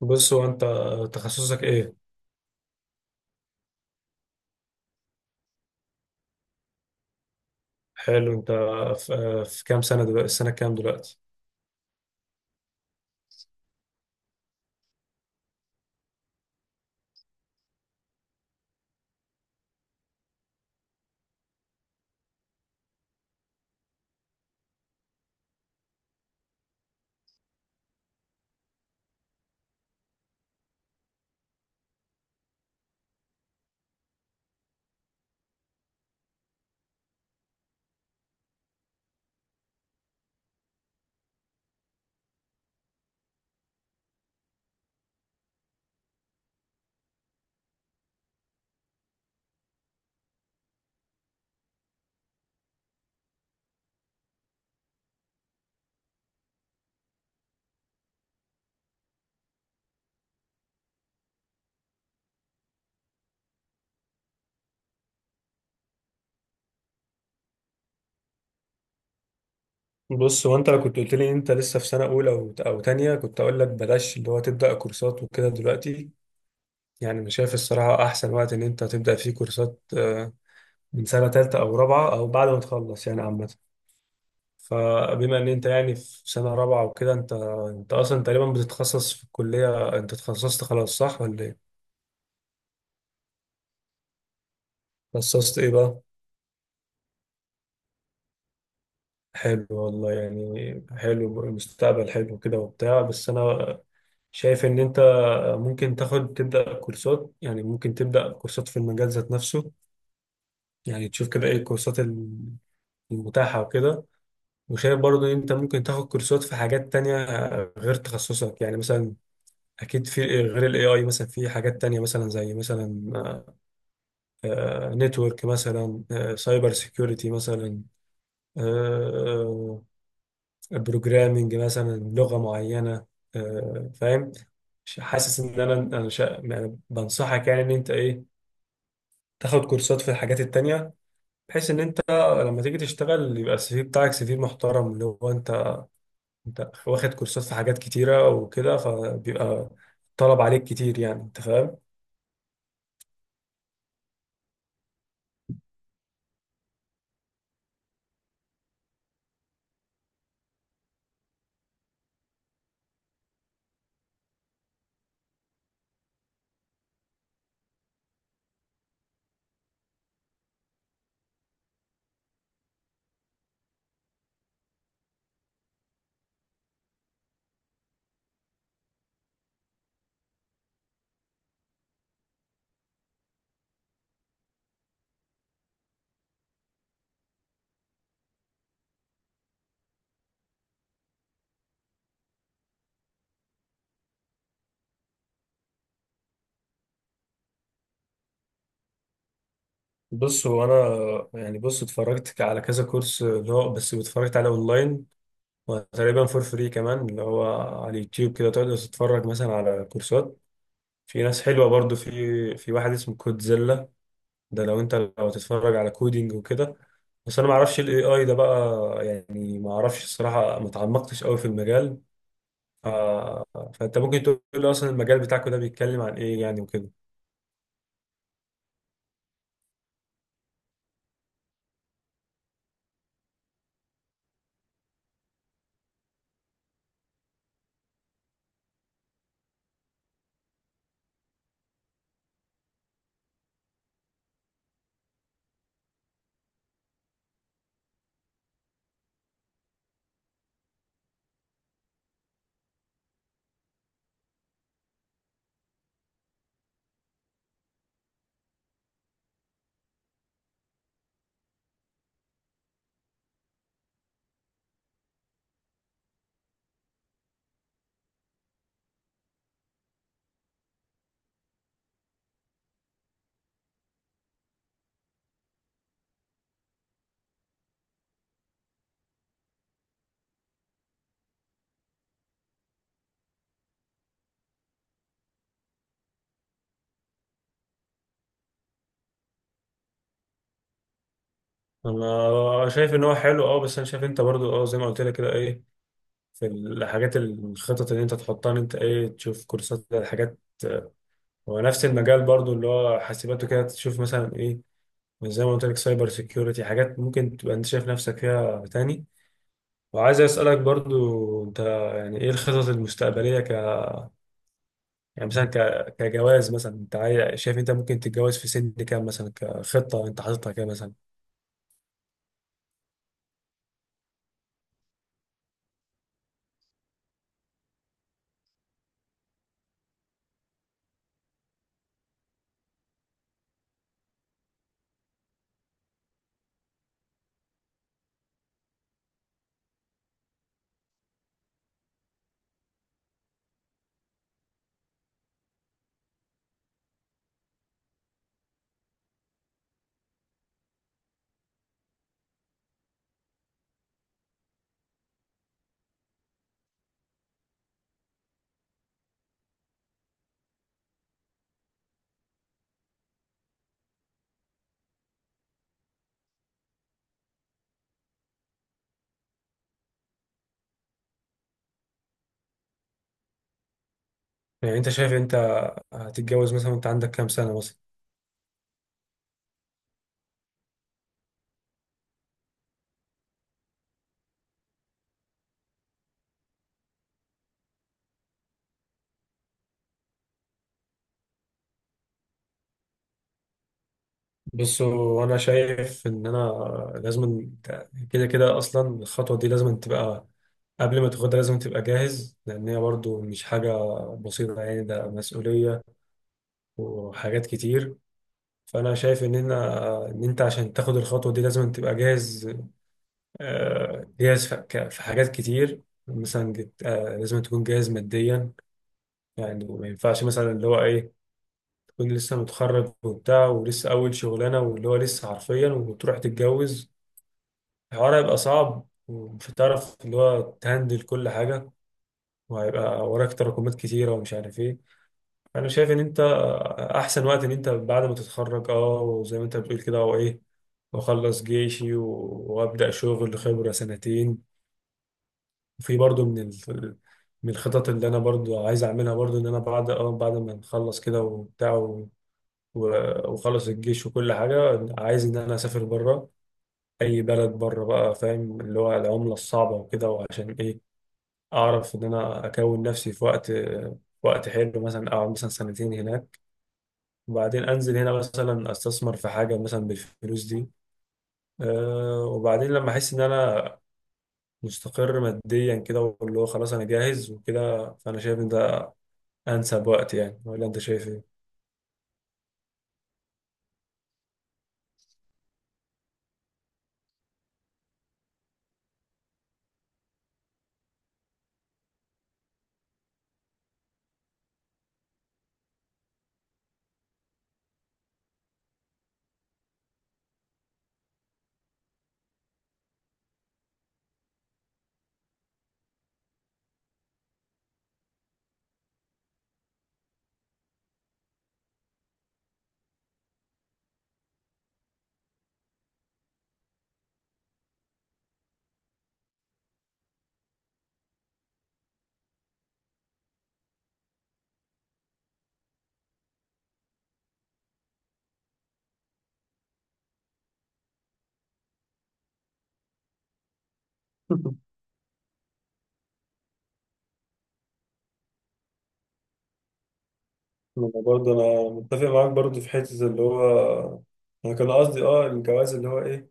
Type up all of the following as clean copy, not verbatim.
بص، هو انت تخصصك ايه؟ حلو. انت في كام سنه دلوقتي؟ السنه كام دلوقتي؟ بص، هو انت لو كنت قلت لي انت لسه في سنه اولى او تانية، كنت اقول لك بلاش اللي هو تبدا كورسات وكده دلوقتي. يعني انا شايف الصراحه احسن وقت ان انت تبدا فيه كورسات من سنه تالتة او رابعه او بعد ما تخلص يعني، عامه. فبما ان انت يعني في سنه رابعه وكده، انت انت اصلا تقريبا بتتخصص في الكليه، انت تخصصت خلاص، صح ولا ايه؟ تخصصت ايه بقى؟ حلو والله، يعني حلو، المستقبل حلو كده وبتاع. بس انا شايف ان انت ممكن تاخد تبدا كورسات، يعني ممكن تبدا كورسات في المجال ذات نفسه. يعني تشوف كده ايه الكورسات المتاحه وكده. وشايف برضو ان انت ممكن تاخد كورسات في حاجات تانية غير تخصصك. يعني مثلا اكيد في غير الاي اي مثلا في حاجات تانية، مثلا زي مثلا نتورك مثلا، سايبر سيكيورتي مثلا، آه، آه، بروجرامنج مثلا، لغة معينة. فاهم. حاسس ان يعني بنصحك، يعني ان انت ايه، تاخد كورسات في الحاجات التانية، بحيث ان انت لما تيجي تشتغل يبقى السي في بتاعك سي في محترم، اللي هو انت انت واخد كورسات في حاجات كتيرة وكده، فبيبقى طلب عليك كتير. يعني انت فاهم. بص، هو انا يعني، بص، اتفرجت على كذا كورس، اللي هو بس اتفرجت على اونلاين، وتقريبا فور فري كمان، اللي هو على اليوتيوب كده تقدر تتفرج مثلا على كورسات. في ناس حلوة برضو، في واحد اسمه كودزيلا، ده لو انت لو تتفرج على كودينج وكده. بس انا ما اعرفش الاي اي ده بقى، يعني ما اعرفش الصراحة، ما تعمقتش قوي في المجال. آه. فانت ممكن تقول لي اصلا المجال بتاعك ده بيتكلم عن ايه يعني وكده. انا شايف ان هو حلو، اه، بس انا شايف انت برضو، اه، زي ما قلت لك كده، ايه، في الحاجات، الخطط اللي انت تحطها، ان انت ايه، تشوف كورسات الحاجات، هو نفس المجال برضو اللي هو حاسبات وكده. تشوف مثلا زي ما قلت لك سايبر سيكيورتي، حاجات ممكن تبقى انت شايف نفسك فيها تاني. وعايز اسالك برضو انت يعني ايه الخطط المستقبليه، ك، يعني مثلا كجواز مثلا. انت شايف انت ممكن تتجوز في سن كام مثلا، كخطه انت حاططها كده مثلا؟ يعني انت شايف انت هتتجوز مثلا وانت عندك كام سنه مثلا؟ بص، هو انا شايف ان انا لازم، كده كده اصلا الخطوه دي لازم تبقى، قبل ما تاخدها لازم تبقى جاهز، لان هي برضو مش حاجه بسيطه، يعني ده مسؤوليه وحاجات كتير. فانا شايف ان انا، ان انت عشان تاخد الخطوه دي لازم تبقى جاهز، جاهز في في حاجات كتير. مثلا لازم تكون جاهز ماديا. يعني ما ينفعش مثلا اللي هو ايه، تكون لسه متخرج وبتاع، ولسه اول شغلانه، واللي هو لسه حرفيا، وتروح تتجوز. الحوار هيبقى صعب، ومش هتعرف اللي هو تهندل كل حاجه، وهيبقى وراك تراكمات كتيره، ومش عارف ايه. انا شايف ان انت احسن وقت ان انت بعد ما تتخرج، اه، وزي ما انت بتقول كده، او ايه، واخلص جيشي وابدا شغل خبره سنتين. وفي برضو من من الخطط اللي انا برضو عايز اعملها برضو، ان انا بعد اه بعد ما نخلص كده وبتاع وخلص الجيش وكل حاجه، عايز ان انا اسافر بره. اي بلد بره بقى، فاهم، اللي هو العمله الصعبه وكده، وعشان ايه اعرف ان انا اكون نفسي في وقت، وقت حلو. مثلا اقعد مثلا سنتين هناك، وبعدين انزل هنا مثلا استثمر في حاجه مثلا بالفلوس دي. أه، وبعدين لما احس ان انا مستقر ماديا كده، واللي هو خلاص انا جاهز وكده، فانا شايف ان ده انسب وقت. يعني ولا انت شايف ايه؟ انا برضه انا متفق معاك برضه في حته، اللي هو انا كان قصدي اه الجواز، اللي هو ايه،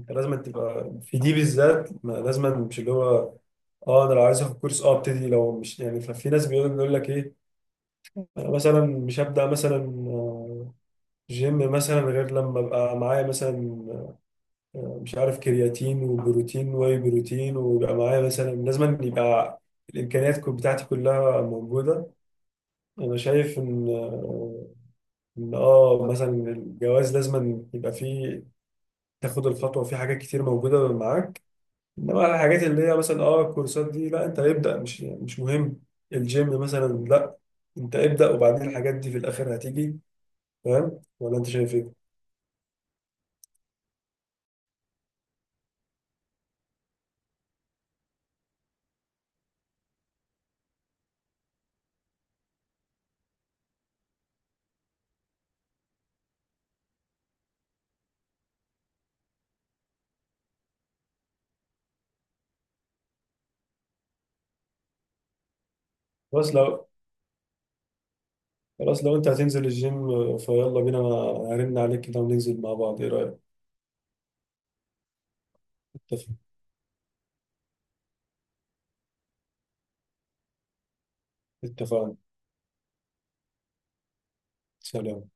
انت لازم تبقى في دي بالذات، ما لازم، مش اللي هو، اه انا لو عايز اخد كورس اه ابتدي، لو مش يعني. ففي ناس بيقول لك ايه، انا مثلا مش هبدا مثلا جيم مثلا غير لما ابقى معايا مثلا، مش عارف، كرياتين وبروتين واي بروتين، ويبقى معايا مثلا، لازم يبقى الامكانيات بتاعتي كلها موجوده. انا شايف ان ان اه مثلا الجواز لازم يبقى فيه، تاخد الخطوه في حاجات كتير موجوده معاك. انما الحاجات اللي هي مثلا اه الكورسات دي لا، انت ابدا، مش مهم. الجيم مثلا لا، انت ابدا، وبعدين الحاجات دي في الاخر هتيجي. فاهم ولا انت شايف ايه؟ بس لو، خلاص لو انت هتنزل الجيم، فيلا بينا، انا هرن عليك كده وننزل مع بعض، ايه رأيك؟ اتفق. اتفقنا. سلام.